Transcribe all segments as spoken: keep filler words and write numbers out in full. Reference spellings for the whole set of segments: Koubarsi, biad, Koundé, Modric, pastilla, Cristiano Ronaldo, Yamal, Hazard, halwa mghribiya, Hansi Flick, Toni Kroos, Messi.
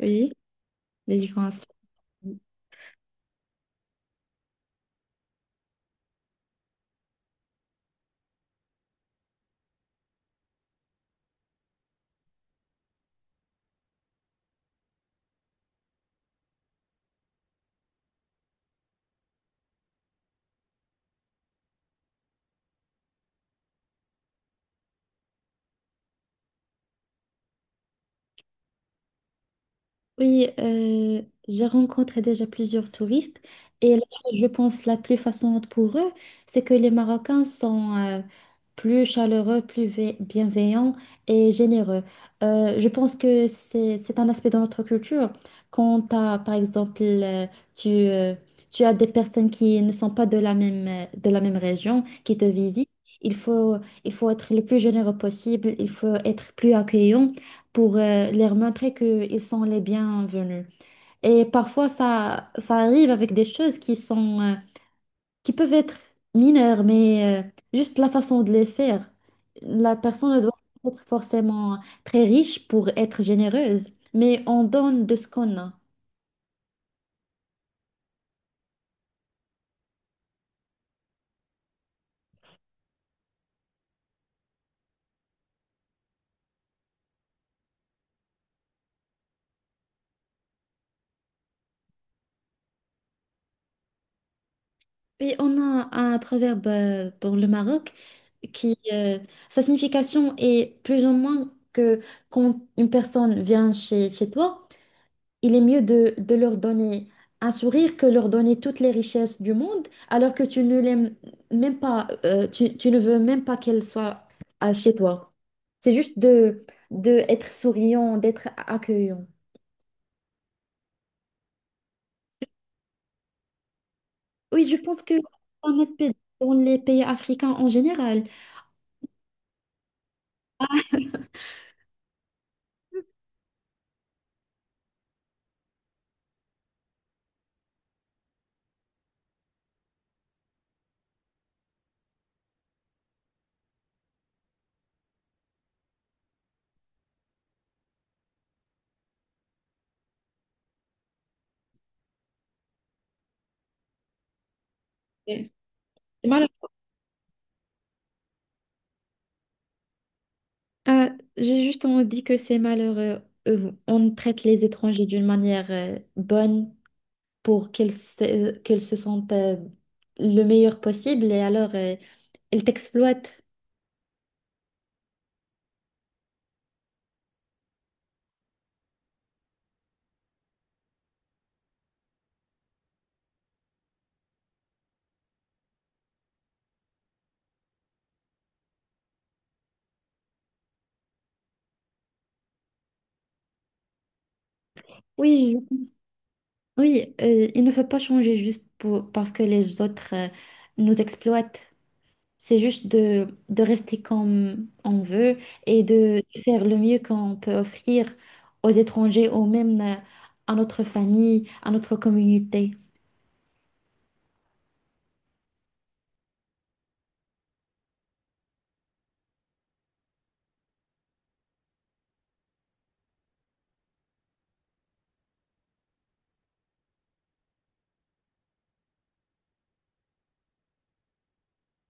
Oui, les différents aspects. Oui, euh, j'ai rencontré déjà plusieurs touristes et la chose, je pense, la plus façonnante pour eux, c'est que les Marocains sont euh, plus chaleureux, plus vé- bienveillants et généreux. Euh, je pense que c'est, c'est un aspect de notre culture. Quand t'as, par exemple, euh, tu, euh, tu as des personnes qui ne sont pas de la même, euh, de la même région qui te visitent, il faut, il faut être le plus généreux possible, il faut être plus accueillant, pour euh, leur montrer qu'ils sont les bienvenus. Et parfois, ça, ça arrive avec des choses qui sont, euh, qui peuvent être mineures, mais euh, juste la façon de les faire. La personne ne doit pas être forcément très riche pour être généreuse, mais on donne de ce qu'on a. Et on a un proverbe euh, dans le Maroc qui, euh, sa signification est plus ou moins que quand une personne vient chez, chez toi, il est mieux de, de leur donner un sourire que leur donner toutes les richesses du monde, alors que tu ne l'aimes même pas, euh, tu, tu ne veux même pas qu'elles soient euh, chez toi. C'est juste de, de être souriant, d'être accueillant. Oui, je pense que c'est un aspect dans les pays africains en général. Oui. C'est malheureux. Euh, j'ai juste on dit que c'est malheureux. Euh, On traite les étrangers d'une manière euh, bonne, pour qu'elles se, qu'elles se sentent euh, le meilleur possible et alors euh, elles t'exploitent. Oui, je- oui, euh, il ne faut pas changer juste pour, parce que les autres euh, nous exploitent. C'est juste de, de rester comme on veut et de faire le mieux qu'on peut offrir aux étrangers ou même euh, à notre famille, à notre communauté.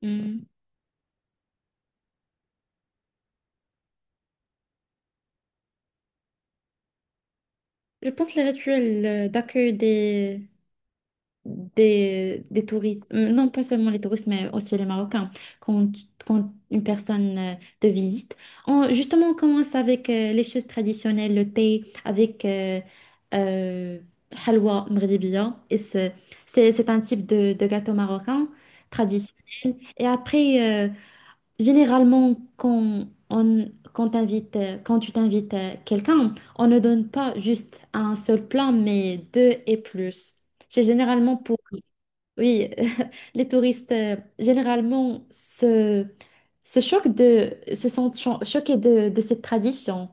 Hmm. Je pense les rituels euh, d'accueil des, des, des touristes, euh, non pas seulement les touristes, mais aussi les Marocains, quand, quand une personne euh, te visite. On- justement, on commence avec euh, les choses traditionnelles, le thé, avec euh, euh, halwa mghribiya. Et c'est c'est- c'est un type de, de gâteau marocain traditionnel. Et après, euh, généralement, quand, on, quand, t'invites, euh, quand tu t'invites euh, quelqu'un, on ne donne pas juste un seul plat, mais deux et plus. C'est généralement pour, oui, les touristes, euh, généralement, se, se choquent de, se sentent cho- choqués de, de cette tradition.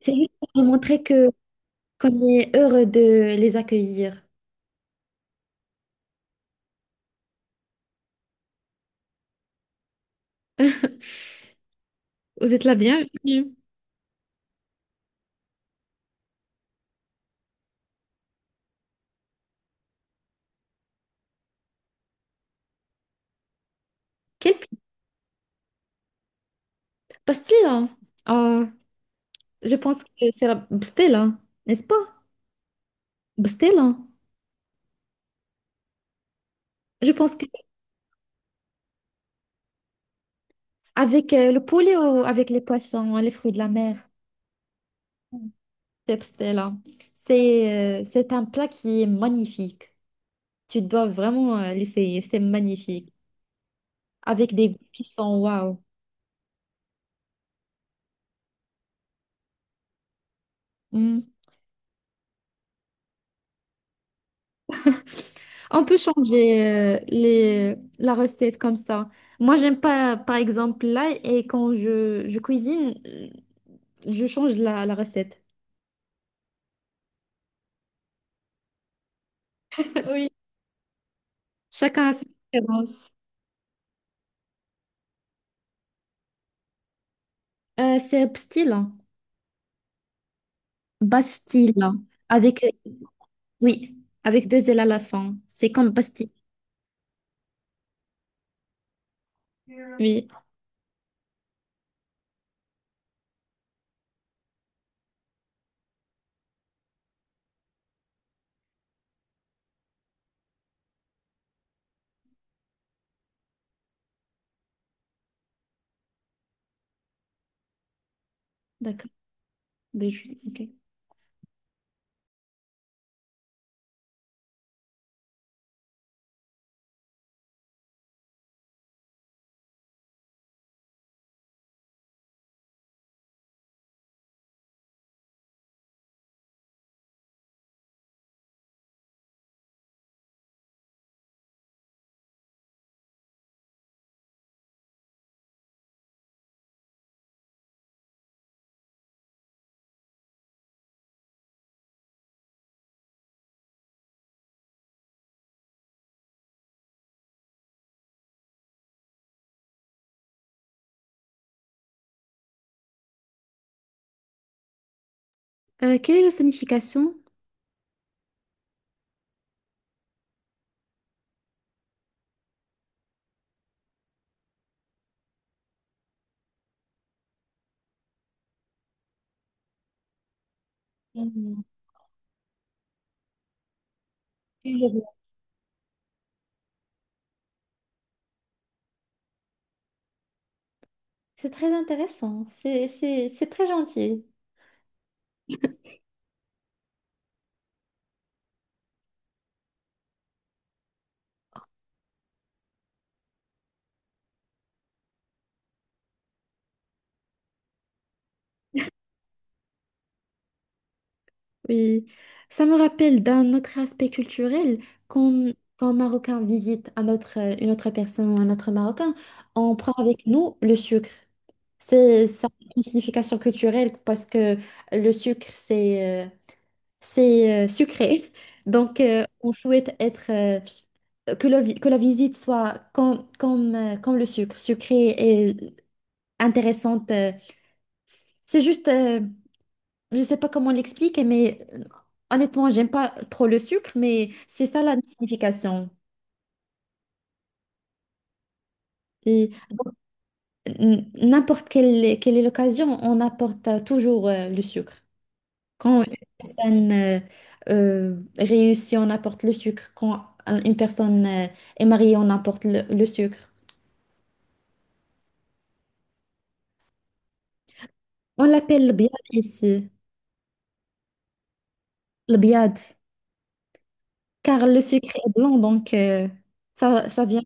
C'est juste pour leur montrer que, qu'on est heureux de les accueillir. Vous êtes la bienvenue. Quelle pastilla? Oh, je pense que c'est la pastilla, n'est-ce pas? Bah, c'était lent. Je pense que avec euh, le poulet ou avec les poissons, hein, les fruits de la mer, c'est c'était c'est euh, c'est un plat qui est magnifique. Tu dois vraiment euh, l'essayer. C'est magnifique. Avec des goûts qui sont waouh. Hmm. On peut changer euh, les, la recette comme ça. Moi, j'aime pas, par exemple, l'ail et quand je, je cuisine, euh, je change la, la recette. Oui. Chacun a ses préférences. Euh, c'est style. Bastille, avec, oui, avec deux L à la fin. C'est comme Bastille. Oui, d'accord. De Julie, ok. Euh, quelle est la signification? C'est très intéressant. C'est, c'est, c'est très gentil. Oui. Ça me rappelle d'un autre aspect culturel, quand, quand un Marocain visite un autre, euh, une autre personne ou un autre Marocain, on prend avec nous le sucre. C'est ça a une signification culturelle parce que le sucre, c'est euh, c'est euh, sucré. Donc, euh, on souhaite être, euh, que, la vi- que la visite soit comme, comme, euh, comme le sucre, sucrée et intéressante. euh. C'est juste, euh, je ne sais pas comment l'expliquer, mais euh, honnêtement, j'aime pas trop le sucre, mais c'est ça la signification. Et donc, n- n'importe quelle, quelle est l'occasion, on apporte euh, toujours euh, le sucre. Quand une personne euh, euh, réussit, on apporte le sucre. Quand une personne euh, est mariée, on apporte le, le sucre. On l'appelle le biad ici, le biad, car le sucre est blanc, donc euh, ça, ça vient.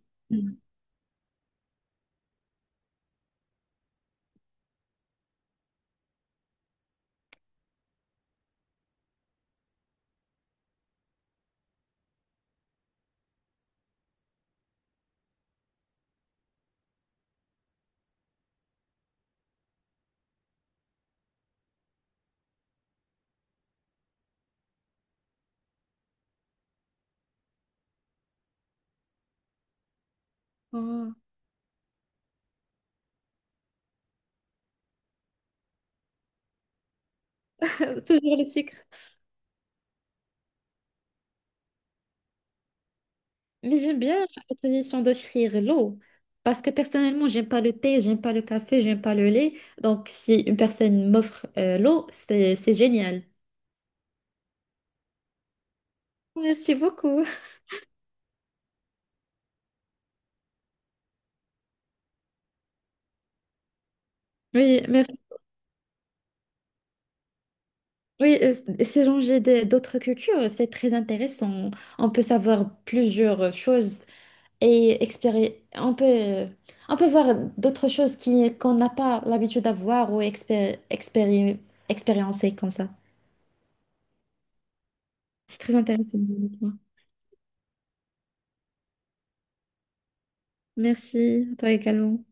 Oh. Toujours le sucre. Mais j'aime bien la tradition d'offrir l'eau, parce que personnellement, j'aime pas le thé, j'aime pas le café, j'aime pas le lait. Donc, si une personne m'offre euh, l'eau, c'est c'est génial. Merci beaucoup. Oui, merci. Oui, euh, c- c'est changer de- d'autres cultures, c'est très intéressant. On peut savoir plusieurs choses et expéri- on peut, euh, on peut voir d'autres choses qui qu'on n'a pas l'habitude d'avoir ou expé- expéri- expériencer comme ça. C'est très intéressant, honnêtement. Merci, à toi également.